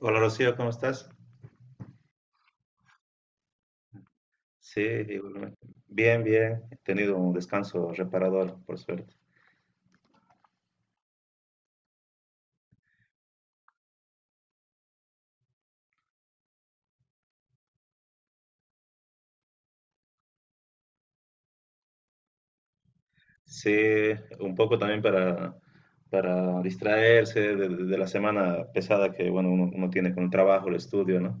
Hola Rocío, ¿cómo estás? Sí, igualmente. Bien, bien. He tenido un descanso reparador, por suerte. Sí, un poco también para distraerse de la semana pesada que, bueno, uno tiene con el trabajo, el estudio, ¿no?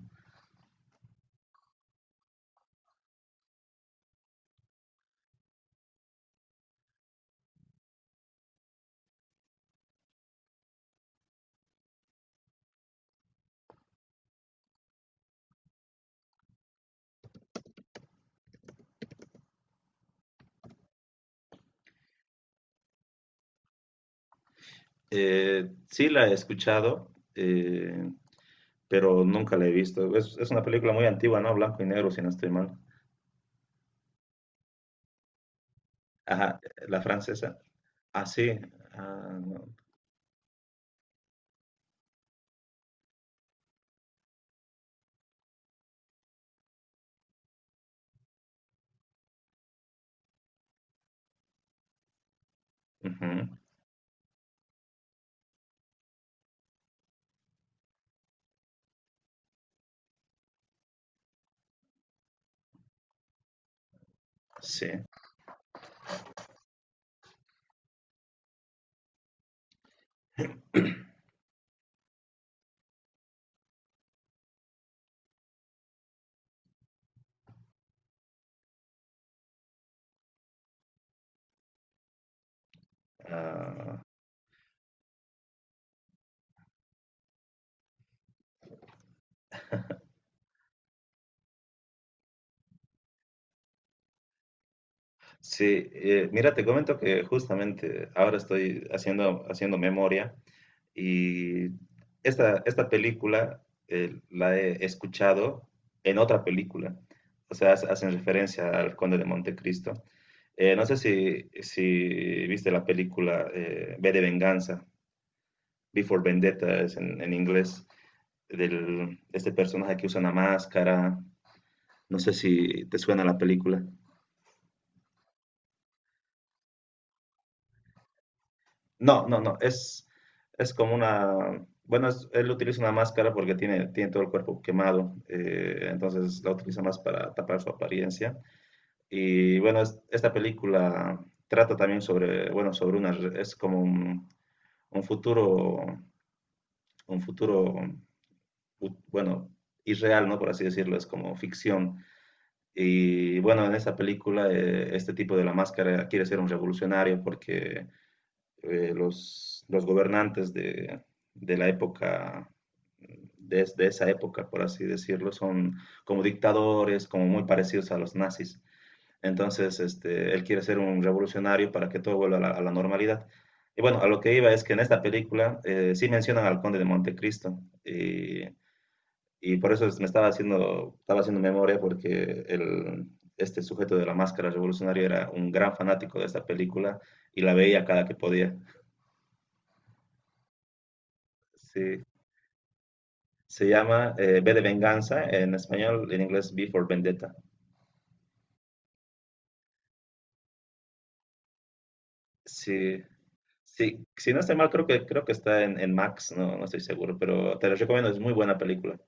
Sí la he escuchado, pero nunca la he visto. Es una película muy antigua, ¿no? Blanco y negro, si no estoy mal. Ajá, la francesa. Ah, sí. Ah, no. Ujú. Sí. Ah, sí, mira, te comento que justamente ahora estoy haciendo, haciendo memoria, y esta película, la he escuchado en otra película. O sea, hacen referencia al Conde de Montecristo. No sé si, si viste la película V de Venganza, V for Vendetta es en inglés, del, este personaje que usa una máscara, no sé si te suena la película. No, no, no, es como una, bueno, él utiliza una máscara porque tiene, tiene todo el cuerpo quemado. Entonces la utiliza más para tapar su apariencia. Y bueno, esta película trata también sobre, bueno, sobre una, es como un futuro, un futuro, bueno, irreal, ¿no? Por así decirlo, es como ficción. Y bueno, en esta película, este tipo de la máscara quiere ser un revolucionario porque los gobernantes de la época, de esa época, por así decirlo, son como dictadores, como muy parecidos a los nazis. Entonces, este, él quiere ser un revolucionario para que todo vuelva a la normalidad. Y bueno, a lo que iba es que en esta película, sí mencionan al Conde de Montecristo. Y, me estaba haciendo memoria porque el, este sujeto de la máscara revolucionaria era un gran fanático de esta película y la veía cada que podía. Sí, se llama V de Venganza, en español, en inglés V for Vendetta. Sí, sí, si no estoy mal, creo que está en Max, no, no estoy seguro, pero te lo recomiendo, es muy buena película.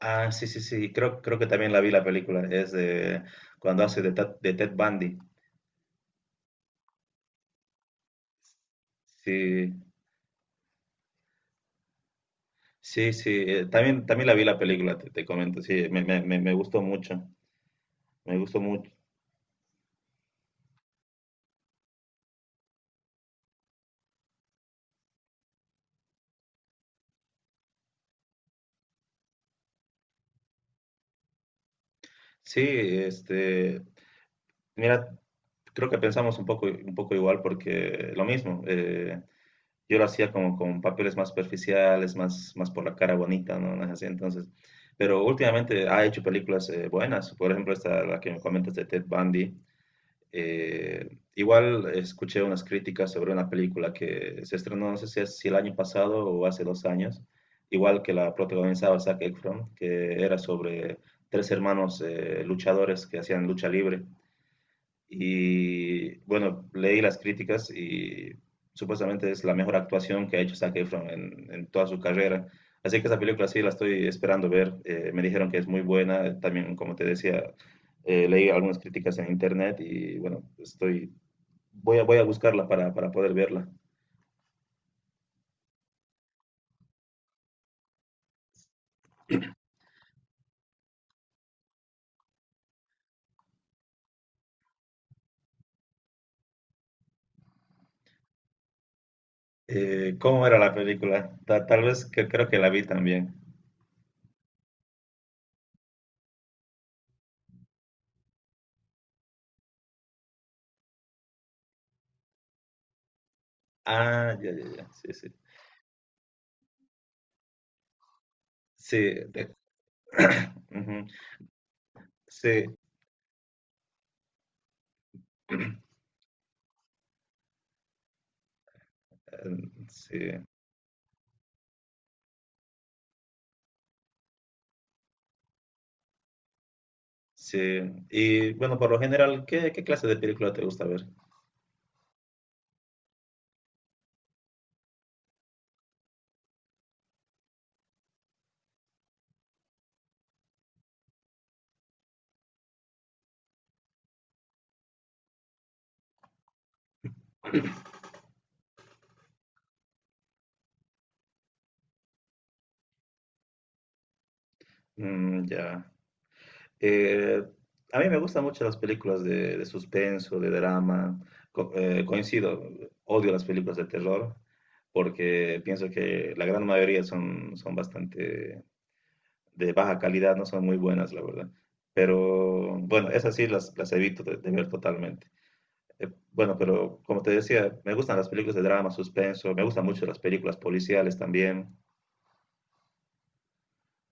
Ah, sí, sí, sí, creo, creo que también la vi la película, es de cuando hace de Ted Bundy. Sí, sí, sí, también, también la vi la película, te comento, sí, me gustó mucho, me gustó mucho. Sí, este, mira, creo que pensamos un poco igual porque lo mismo, yo lo hacía como con papeles más superficiales, más por la cara bonita, ¿no? No es así, entonces, pero últimamente ha hecho películas buenas, por ejemplo, esta, la que me comentas de Ted Bundy. Igual escuché unas críticas sobre una película que se estrenó, no sé si, si el año pasado o hace dos años, igual que la protagonizaba Zac Efron, que era sobre tres hermanos luchadores que hacían lucha libre, y bueno, leí las críticas y supuestamente es la mejor actuación que ha hecho Zac Efron en toda su carrera. Así que esa película sí la estoy esperando ver. Me dijeron que es muy buena. También, como te decía, leí algunas críticas en internet y bueno, estoy, voy a, voy a buscarla para poder verla. ¿Cómo era la película? Tal vez que creo que la vi también. Ah, ya, ya, ya. Sí, sí. Sí, de- ujú, sí, sí. Sí, y bueno, por lo general, ¿qué, qué clase de película te gusta ver? Mm, ya. Eh, a mí me gustan mucho las películas de suspenso, de drama. Coincido, odio las películas de terror porque pienso que la gran mayoría son, son bastante de baja calidad, no son muy buenas, la verdad. Pero bueno, esas sí las evito de ver totalmente. Bueno, pero como te decía, me gustan las películas de drama, suspenso, me gustan mucho las películas policiales también.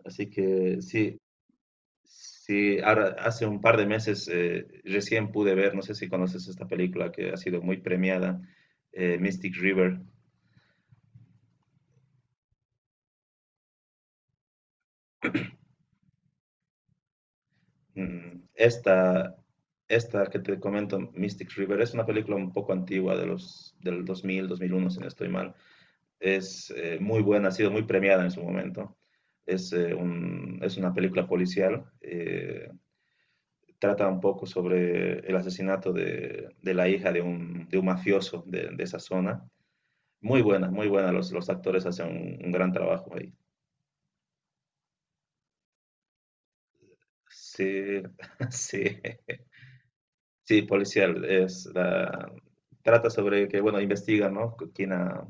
Así que sí, sí, ahora hace un par de meses, recién pude ver, no sé si conoces esta película que ha sido muy premiada, Mystic River. Mm, esta que te comento, Mystic River, es una película un poco antigua de los, del 2000, 2001, si no estoy mal. Es, muy buena, ha sido muy premiada en su momento. Es una película policial. Eh, trata un poco sobre el asesinato de la hija de un mafioso de esa zona. Muy buena, muy buena. Los actores hacen un gran trabajo ahí. Sí, sí, sí, policial. Trata sobre que, bueno, investigan, ¿no?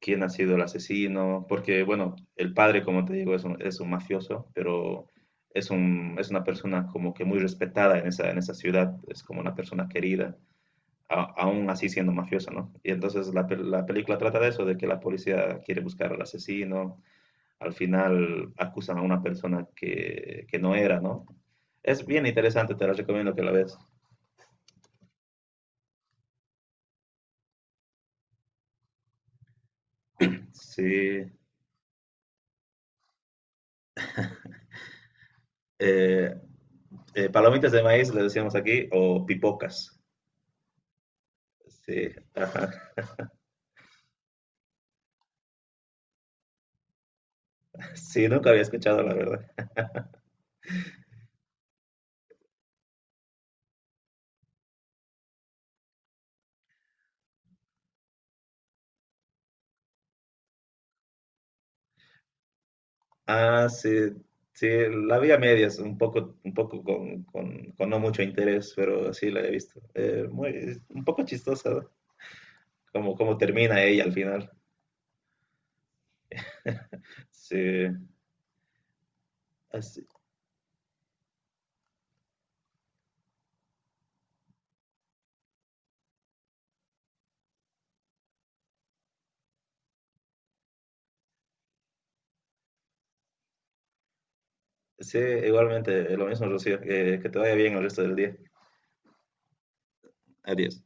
Quién ha sido el asesino, porque, bueno, el padre, como te digo, es un mafioso, pero es una persona como que muy respetada en esa ciudad, es como una persona querida. Aún así siendo mafiosa, ¿no? Y entonces la película trata de eso, de que la policía quiere buscar al asesino, al final acusan a una persona que no era, ¿no? Es bien interesante, te la recomiendo que la veas. Sí. Eh, Palomitas de maíz, le decíamos aquí, o pipocas. Sí, ajá. Sí, nunca había escuchado, la verdad. Ah, sí, sí, la vi a medias, un poco con, con no mucho interés, pero sí la he visto. Muy, un poco chistosa, ¿no? Cómo, cómo termina ella al final. Sí, así- sí, igualmente, lo mismo, Rocío, que te vaya bien el resto del día. Adiós.